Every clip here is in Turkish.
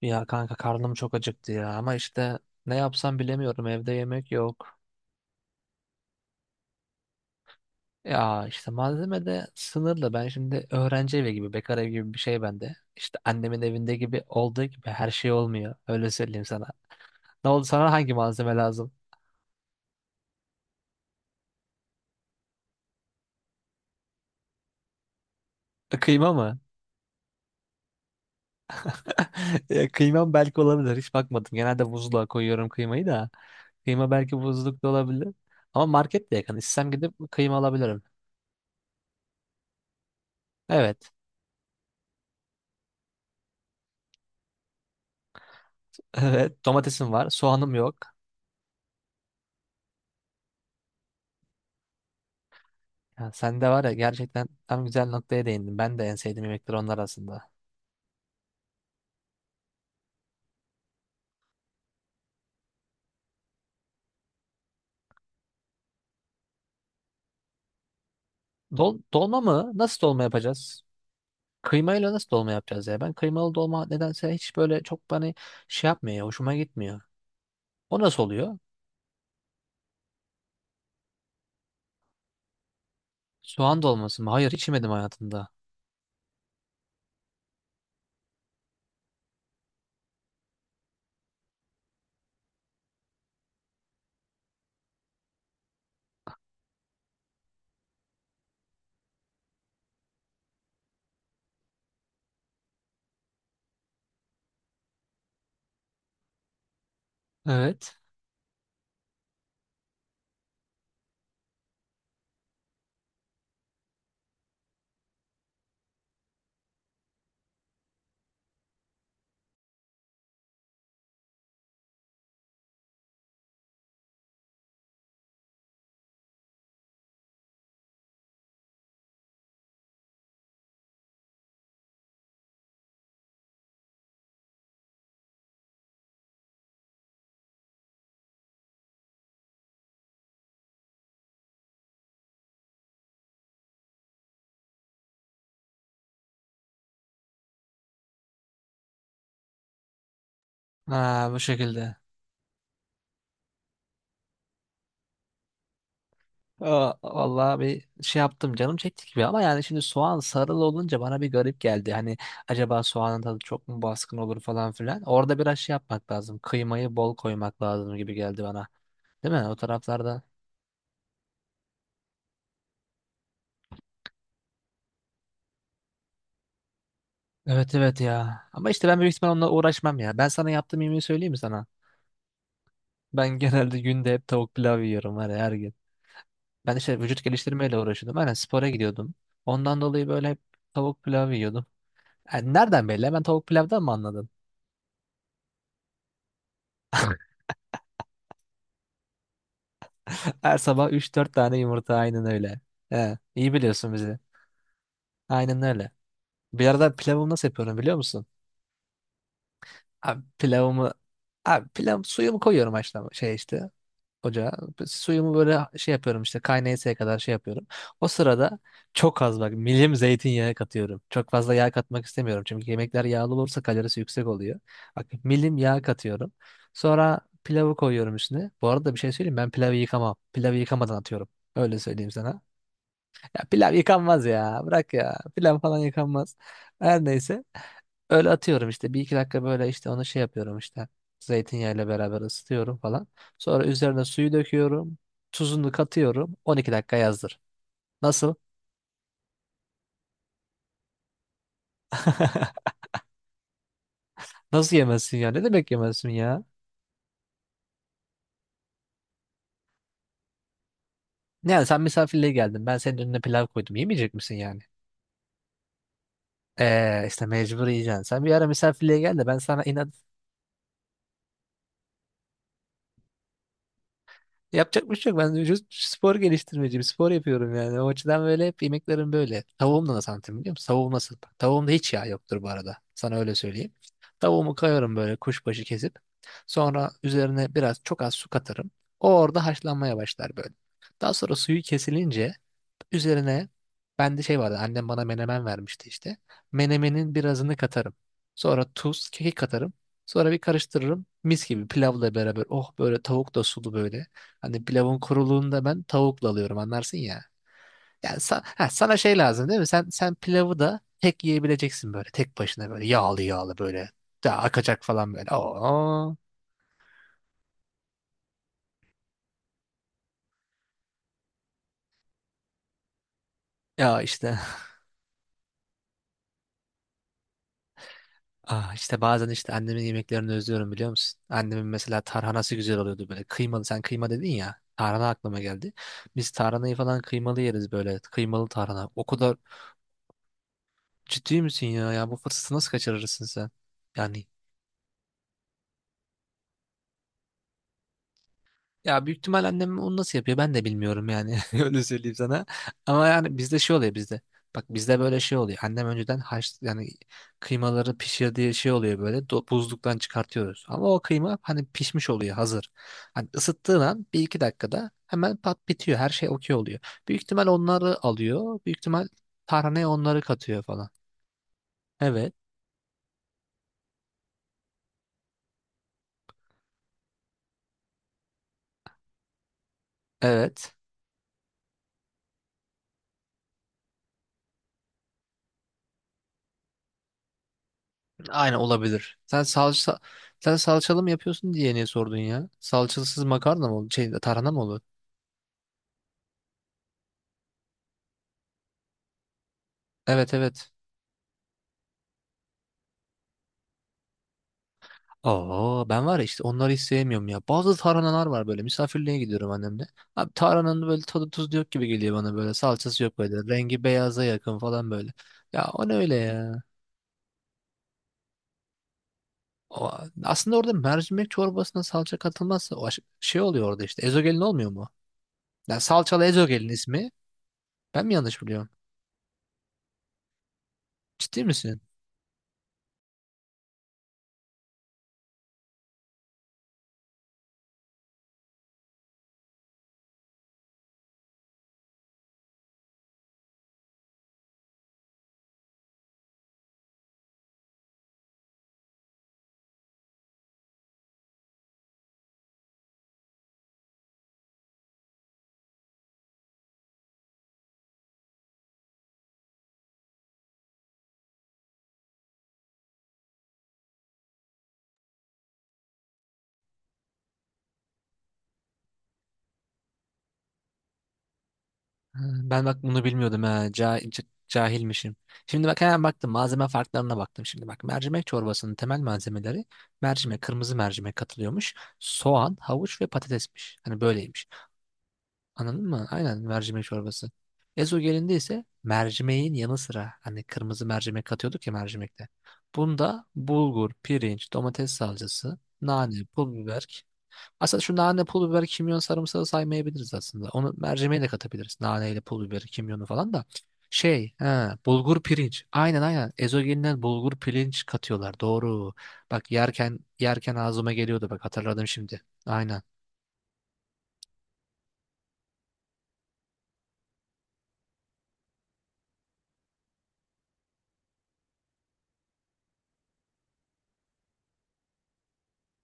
Ya kanka, karnım çok acıktı ya ama işte ne yapsam bilemiyorum, evde yemek yok. Ya işte malzeme de sınırlı, ben şimdi öğrenci evi gibi, bekar evi gibi bir şey bende. İşte annemin evinde gibi olduğu gibi her şey olmuyor, öyle söyleyeyim sana. Ne oldu sana, hangi malzeme lazım? Kıyma mı? Ya kıymam belki olabilir, hiç bakmadım, genelde buzluğa koyuyorum kıymayı da. Kıyma belki buzlukta olabilir ama market de yakın, istesem gidip kıyma alabilirim. Evet. Evet, domatesim var, soğanım yok. Ya sen de var ya, gerçekten tam güzel noktaya değindin. Ben de en sevdiğim yemekler onlar arasında. Dolma mı? Nasıl dolma yapacağız? Kıymayla nasıl dolma yapacağız ya? Ben kıymalı dolma nedense hiç böyle çok bana şey yapmıyor ya, hoşuma gitmiyor. O nasıl oluyor? Soğan dolması mı? Hayır, hiç yemedim hayatımda. Evet. Ha, bu şekilde. Aa, vallahi bir şey yaptım, canım çekti gibi ama yani şimdi soğan sarılı olunca bana bir garip geldi. Hani acaba soğanın tadı çok mu baskın olur falan filan. Orada biraz şey yapmak lazım. Kıymayı bol koymak lazım gibi geldi bana. Değil mi? O taraflarda. Evet evet ya. Ama işte ben büyük ihtimal onunla uğraşmam ya. Ben sana yaptığım yemeği söyleyeyim mi sana? Ben genelde günde hep tavuk pilav yiyorum var ya, her gün. Ben işte vücut geliştirmeyle uğraşıyordum. Aynen, spora gidiyordum. Ondan dolayı böyle hep tavuk pilav yiyordum. Yani nereden belli? Ben tavuk pilavdan mı anladın? Her sabah üç dört tane yumurta, aynen öyle. He, iyi biliyorsun bizi. Aynen öyle. Bir arada pilavımı nasıl yapıyorum biliyor musun? Abi pilavımı abi pilav suyumu koyuyorum, haşlama şey işte, ocağa. Suyumu böyle şey yapıyorum işte, kaynayasıya kadar şey yapıyorum. O sırada çok az, bak milim zeytinyağı katıyorum. Çok fazla yağ katmak istemiyorum çünkü yemekler yağlı olursa kalorisi yüksek oluyor. Bak milim yağ katıyorum. Sonra pilavı koyuyorum üstüne. Bu arada bir şey söyleyeyim, ben pilavı yıkamam. Pilavı yıkamadan atıyorum. Öyle söyleyeyim sana. Ya pilav yıkanmaz ya. Bırak ya. Pilav falan yıkanmaz. Her neyse. Öyle atıyorum işte. Bir iki dakika böyle işte onu şey yapıyorum işte. Zeytinyağıyla beraber ısıtıyorum falan. Sonra üzerine suyu döküyorum. Tuzunu katıyorum. 12 dakika yazdır. Nasıl? Nasıl yemezsin ya? Ne demek yemezsin ya? Yani sen misafirliğe geldin. Ben senin önüne pilav koydum. Yemeyecek misin yani? İşte mecbur yiyeceksin. Sen bir ara misafirliğe gel de ben sana inat. Yapacak bir şey yok. Ben vücut spor geliştirmeciyim. Spor yapıyorum yani. O açıdan böyle hep yemeklerim böyle. Tavuğum da nasıl anlatayım biliyor musun? Tavuğum nasıl? Tavuğumda hiç yağ yoktur bu arada. Sana öyle söyleyeyim. Tavuğumu koyarım böyle kuşbaşı kesip. Sonra üzerine biraz, çok az su katarım. O orada haşlanmaya başlar böyle. Daha sonra suyu kesilince üzerine, bende şey vardı, annem bana menemen vermişti işte. Menemenin birazını katarım. Sonra tuz, kekik katarım. Sonra bir karıştırırım. Mis gibi pilavla beraber. Oh, böyle tavuk da sulu böyle. Hani pilavın kuruluğunu da ben tavukla alıyorum, anlarsın ya. Yani sana şey lazım değil mi? Sen pilavı da tek yiyebileceksin böyle, tek başına böyle, yağlı yağlı böyle. Daha akacak falan böyle. Oo. Ya işte. Ah, işte bazen işte annemin yemeklerini özlüyorum biliyor musun? Annemin mesela tarhanası güzel oluyordu böyle. Kıymalı, sen kıyma dedin ya, tarhana aklıma geldi. Biz tarhanayı falan kıymalı yeriz böyle. Kıymalı tarhana. O kadar ciddi misin ya? Ya bu fırsatı nasıl kaçırırsın sen? Yani, ya büyük ihtimal annem onu nasıl yapıyor ben de bilmiyorum yani, öyle söyleyeyim sana. Ama yani bizde şey oluyor bizde. Bak, bizde böyle şey oluyor. Annem önceden yani kıymaları pişirdiği şey oluyor böyle, buzluktan çıkartıyoruz. Ama o kıyma hani pişmiş oluyor hazır. Hani ısıttığın an bir iki dakikada hemen pat bitiyor, her şey okey oluyor. Büyük ihtimal onları alıyor. Büyük ihtimal tarhaneye onları katıyor falan. Evet. Evet. Aynen, olabilir. Sen salçalı mı yapıyorsun diye niye sordun ya? Salçasız makarna mı olur? Şey, tarhana mı olur? Evet evet. Oo, ben var ya işte onları hiç sevmiyorum ya. Bazı tarhanalar var böyle, misafirliğe gidiyorum annemle. Abi tarhananın böyle tadı, tuzlu yok gibi geliyor bana böyle. Salçası yok böyle. Rengi beyaza yakın falan böyle. Ya o ne öyle ya? O, aslında orada mercimek çorbasına salça katılmazsa o şey oluyor orada işte. Ezogelin olmuyor mu? Ya salçalı ezogelin ismi. Ben mi yanlış biliyorum? Ciddi misin? Ha, ben bak bunu bilmiyordum ha. Cahilmişim. Şimdi bak hemen baktım. Malzeme farklarına baktım şimdi. Bak, mercimek çorbasının temel malzemeleri mercimek, kırmızı mercimek katılıyormuş. Soğan, havuç ve patatesmiş. Hani böyleymiş. Anladın mı? Aynen, mercimek çorbası. Ezogelinde ise mercimeğin yanı sıra, hani kırmızı mercimek katıyorduk ya mercimekte, bunda bulgur, pirinç, domates salçası, nane, pul biber, aslında şu nane, pul biber, kimyon, sarımsağı saymayabiliriz aslında. Onu mercimeğe de katabiliriz, naneyle pul biberi, kimyonu falan da. Şey, ha, bulgur pirinç. Aynen aynen. Ezogelinden bulgur pirinç katıyorlar. Doğru. Bak yerken yerken ağzıma geliyordu. Bak hatırladım şimdi. Aynen.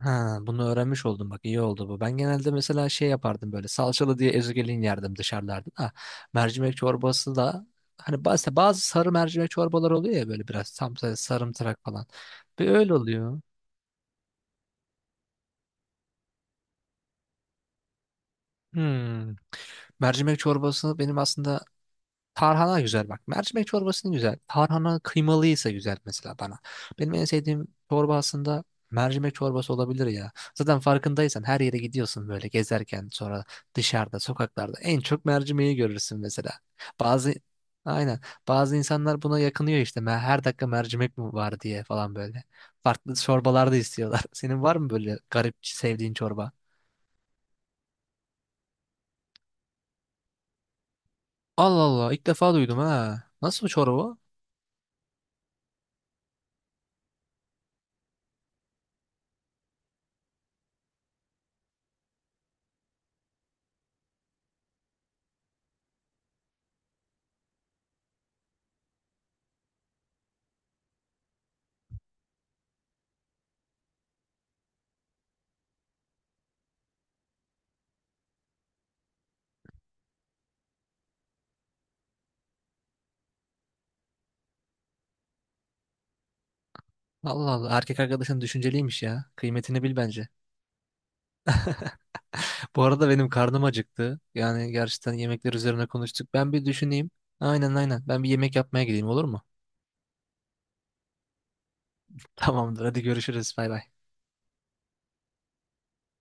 Ha, bunu öğrenmiş oldum, bak iyi oldu bu. Ben genelde mesela şey yapardım böyle, salçalı diye ezogelin yerdim dışarılarda da. Mercimek çorbası da hani bazı sarı mercimek çorbaları oluyor ya böyle, biraz tam sarımtırak falan. Bir öyle oluyor. Hmm. Mercimek çorbası benim aslında, tarhana güzel bak. Mercimek çorbasının güzel. Tarhana kıymalıysa güzel mesela bana. Benim en sevdiğim çorba aslında mercimek çorbası olabilir ya. Zaten farkındaysan, her yere gidiyorsun böyle gezerken, sonra dışarıda sokaklarda en çok mercimeği görürsün mesela. Bazı aynen bazı insanlar buna yakınıyor işte, her dakika mercimek mi var" diye falan böyle. Farklı çorbalar da istiyorlar. Senin var mı böyle garip sevdiğin çorba? Allah Allah, ilk defa duydum ha. Nasıl bu çorba? Allah Allah, erkek arkadaşın düşünceliymiş ya. Kıymetini bil bence. Bu arada benim karnım acıktı. Yani gerçekten yemekler üzerine konuştuk. Ben bir düşüneyim. Aynen aynen. Ben bir yemek yapmaya gideyim, olur mu? Tamamdır. Hadi görüşürüz. Bay bay.